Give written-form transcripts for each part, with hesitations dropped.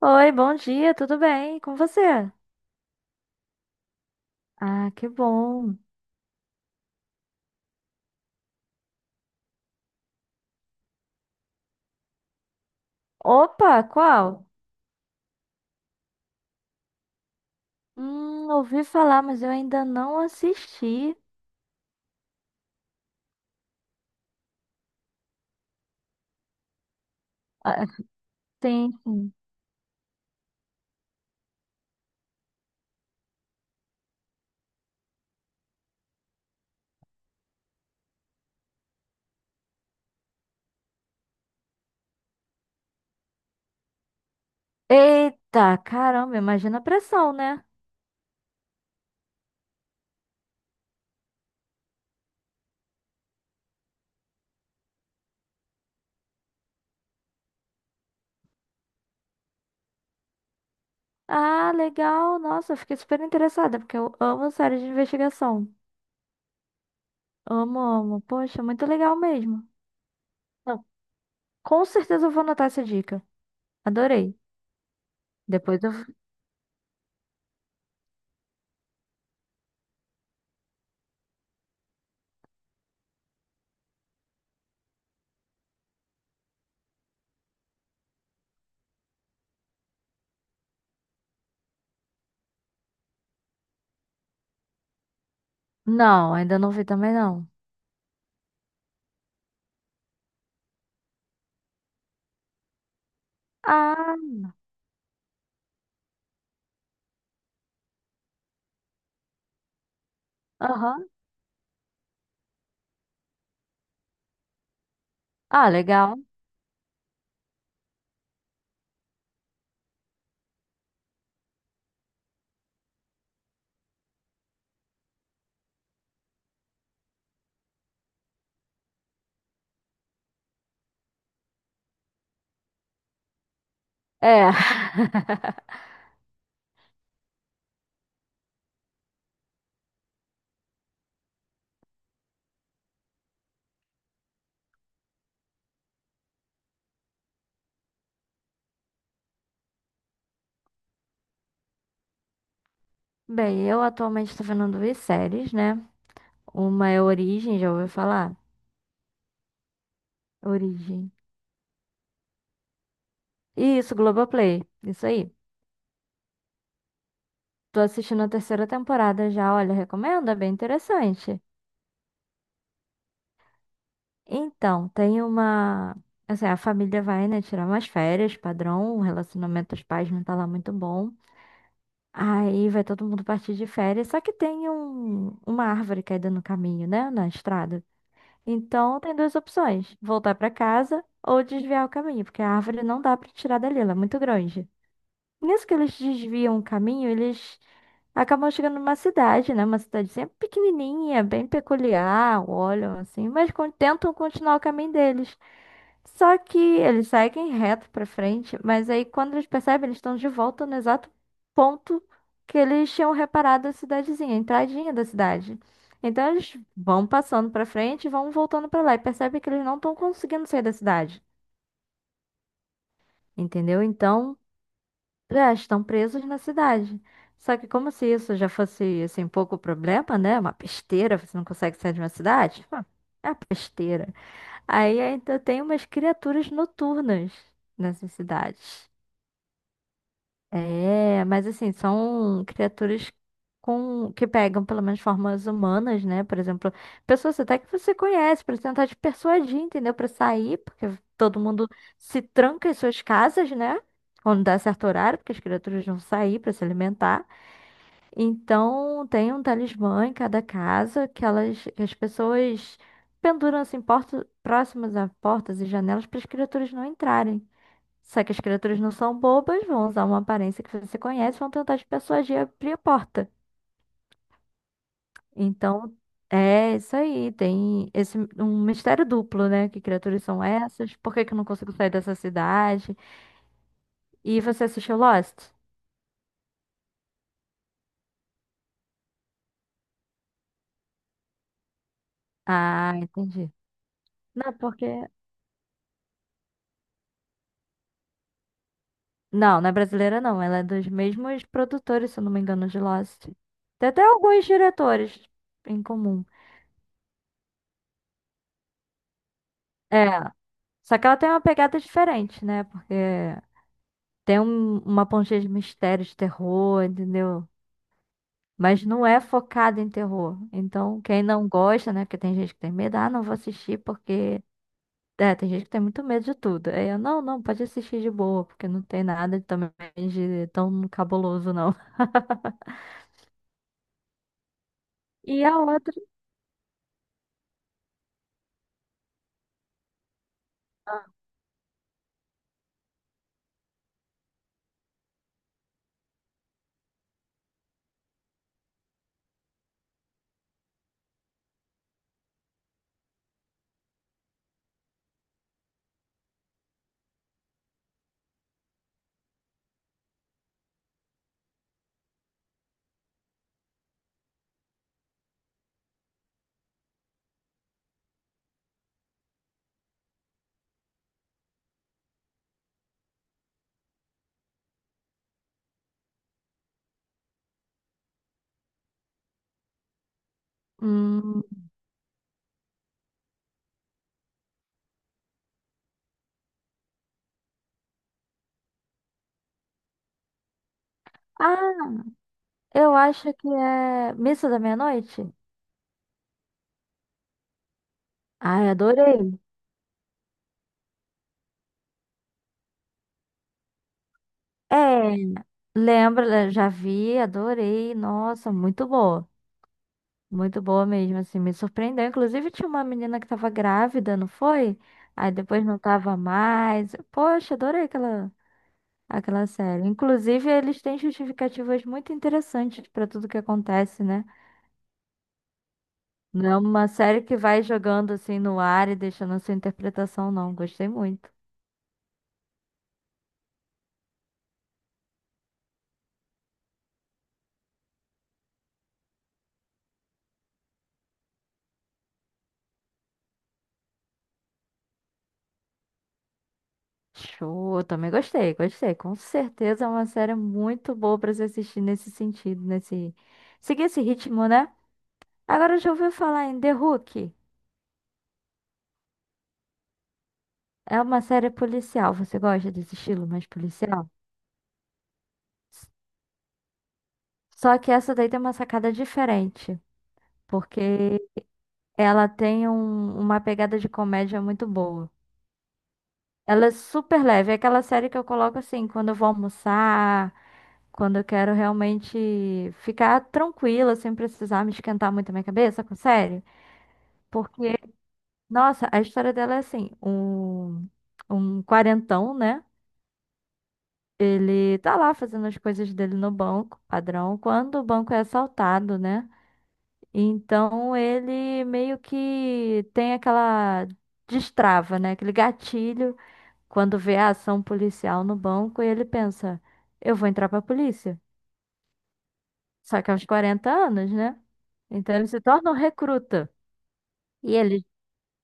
Oi, bom dia, tudo bem? Com você? Ah, que bom. Opa, qual? Ouvi falar, mas eu ainda não assisti. Ah, tem. Sim. Eita, caramba, imagina a pressão, né? Ah, legal. Nossa, eu fiquei super interessada, porque eu amo séries de investigação. Amo, amo. Poxa, muito legal mesmo. Não, com certeza eu vou anotar essa dica. Adorei. Depois eu. Não, ainda não vi também não. Ah, aham. Ah, legal. É. Bem, eu atualmente estou vendo duas séries, né? Uma é Origem, já ouviu falar? Origem. Isso, Globoplay. Isso aí. Tô assistindo a terceira temporada já, olha, recomendo, é bem interessante. Então, tem uma. Assim, a família vai, né, tirar umas férias, padrão, o relacionamento dos pais não tá lá muito bom. Aí vai todo mundo partir de férias, só que tem uma árvore caída no caminho, né, na estrada. Então, tem duas opções: voltar para casa ou desviar o caminho, porque a árvore não dá para tirar dali, ela é muito grande. Nisso que eles desviam o caminho, eles acabam chegando numa cidade, né? Uma cidadezinha pequenininha, bem peculiar, olham assim, mas tentam continuar o caminho deles. Só que eles seguem reto pra frente, mas aí quando eles percebem, eles estão de volta no exato ponto que eles tinham reparado a cidadezinha, a entradinha da cidade. Então eles vão passando pra frente e vão voltando pra lá e percebem que eles não estão conseguindo sair da cidade, entendeu? Então é, estão presos na cidade. Só que como se isso já fosse, assim, um pouco problema, né? Uma besteira, você não consegue sair de uma cidade. É uma besteira. Aí ainda tem umas criaturas noturnas nessas cidades. É, mas assim, são criaturas com que pegam pelo menos formas humanas, né? Por exemplo, pessoas até que você conhece para tentar te persuadir, entendeu? Para sair, porque todo mundo se tranca em suas casas, né? Quando dá certo horário, porque as criaturas vão sair para se alimentar. Então, tem um talismã em cada casa que elas, que as pessoas penduram assim portas próximas a portas e janelas para as criaturas não entrarem. Só que as criaturas não são bobas, vão usar uma aparência que você conhece, e vão tentar te persuadir a abrir a porta. Então, é isso aí. Tem esse um mistério duplo, né? Que criaturas são essas? Por que que eu não consigo sair dessa cidade? E você assistiu Lost? Ah, entendi. Não, porque. Não, não é brasileira, não. Ela é dos mesmos produtores, se eu não me engano, de Lost. Tem até alguns diretores em comum. É. Só que ela tem uma pegada diferente, né? Porque tem uma pontinha de mistério, de terror, entendeu? Mas não é focado em terror. Então, quem não gosta, né? Porque tem gente que tem medo, ah, não vou assistir porque. É, tem gente que tem muito medo de tudo. Aí eu, não, não, pode assistir de boa, porque não tem nada também de tão cabuloso, não. E a outra. Hum, ah, eu acho que é Missa da Meia-Noite. Ai, adorei. É, lembra, já vi, adorei. Nossa, muito boa. Muito boa mesmo, assim, me surpreendeu. Inclusive, tinha uma menina que tava grávida, não foi? Aí depois não tava mais. Poxa, adorei aquela série. Inclusive, eles têm justificativas muito interessantes pra tudo que acontece, né? Não é uma série que vai jogando assim no ar e deixando a sua interpretação, não. Gostei muito. Show, também gostei, gostei. Com certeza é uma série muito boa pra se assistir nesse sentido, nesse. Seguir esse ritmo, né? Agora já ouviu falar em The Hook. É uma série policial. Você gosta desse estilo mais policial? Só que essa daí tem uma sacada diferente, porque ela tem uma pegada de comédia muito boa. Ela é super leve, é aquela série que eu coloco assim, quando eu vou almoçar, quando eu quero realmente ficar tranquila, sem precisar me esquentar muito a minha cabeça com série. Porque, nossa, a história dela é assim, um quarentão, né? Ele tá lá fazendo as coisas dele no banco, padrão, quando o banco é assaltado, né? Então ele meio que tem aquela destrava, né? Aquele gatilho quando vê a ação policial no banco e ele pensa, eu vou entrar pra polícia. Só que aos 40 anos, né? Então ele se torna um recruta. E ele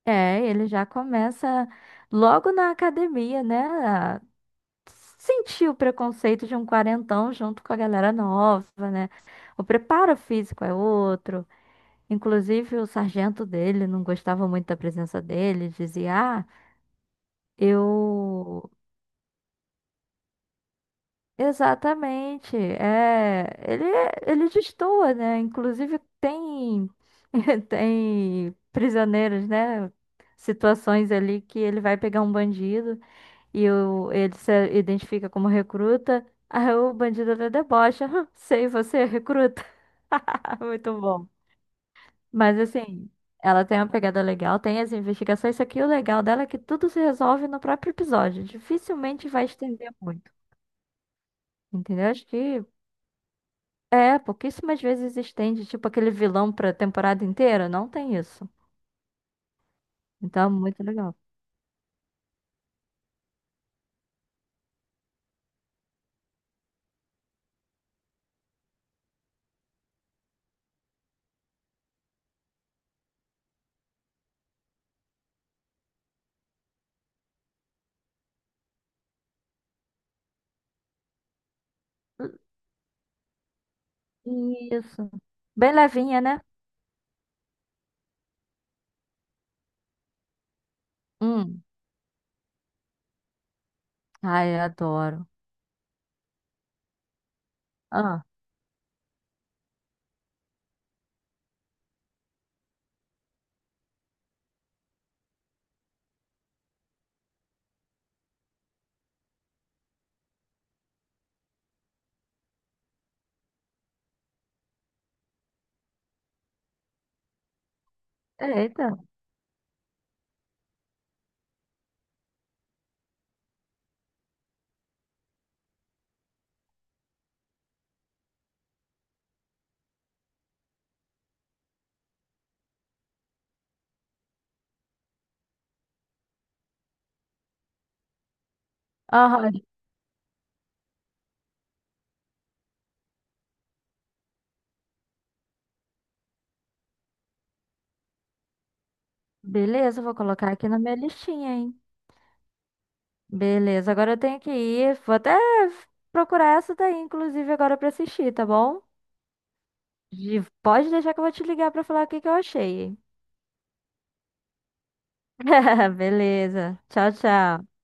é, ele já começa logo na academia, né? Sentir o preconceito de um quarentão junto com a galera nova, né? O preparo físico é outro. Inclusive, o sargento dele não gostava muito da presença dele, dizia: "Ah, eu." Exatamente, é. Ele, é, ele destoa, né? Inclusive, tem. Tem prisioneiros, né? Situações ali que ele vai pegar um bandido. E o, ele se identifica como recruta. Aí o bandido até debocha. "Hã, sei, você é recruta." Muito bom. Mas assim, ela tem uma pegada legal, tem as investigações, só que o legal dela é que tudo se resolve no próprio episódio. Dificilmente vai estender muito. Entendeu? Acho que é, pouquíssimas vezes estende, tipo aquele vilão pra temporada inteira. Não tem isso. Então é muito legal. Isso. Bem levinha, né? Hum. Ai, eu adoro. Ah, eita. Aham, beleza, vou colocar aqui na minha listinha, hein? Beleza, agora eu tenho que ir. Vou até procurar essa daí, inclusive, agora pra assistir, tá bom? Pode deixar que eu vou te ligar pra falar o que que eu achei. Beleza. Tchau, tchau.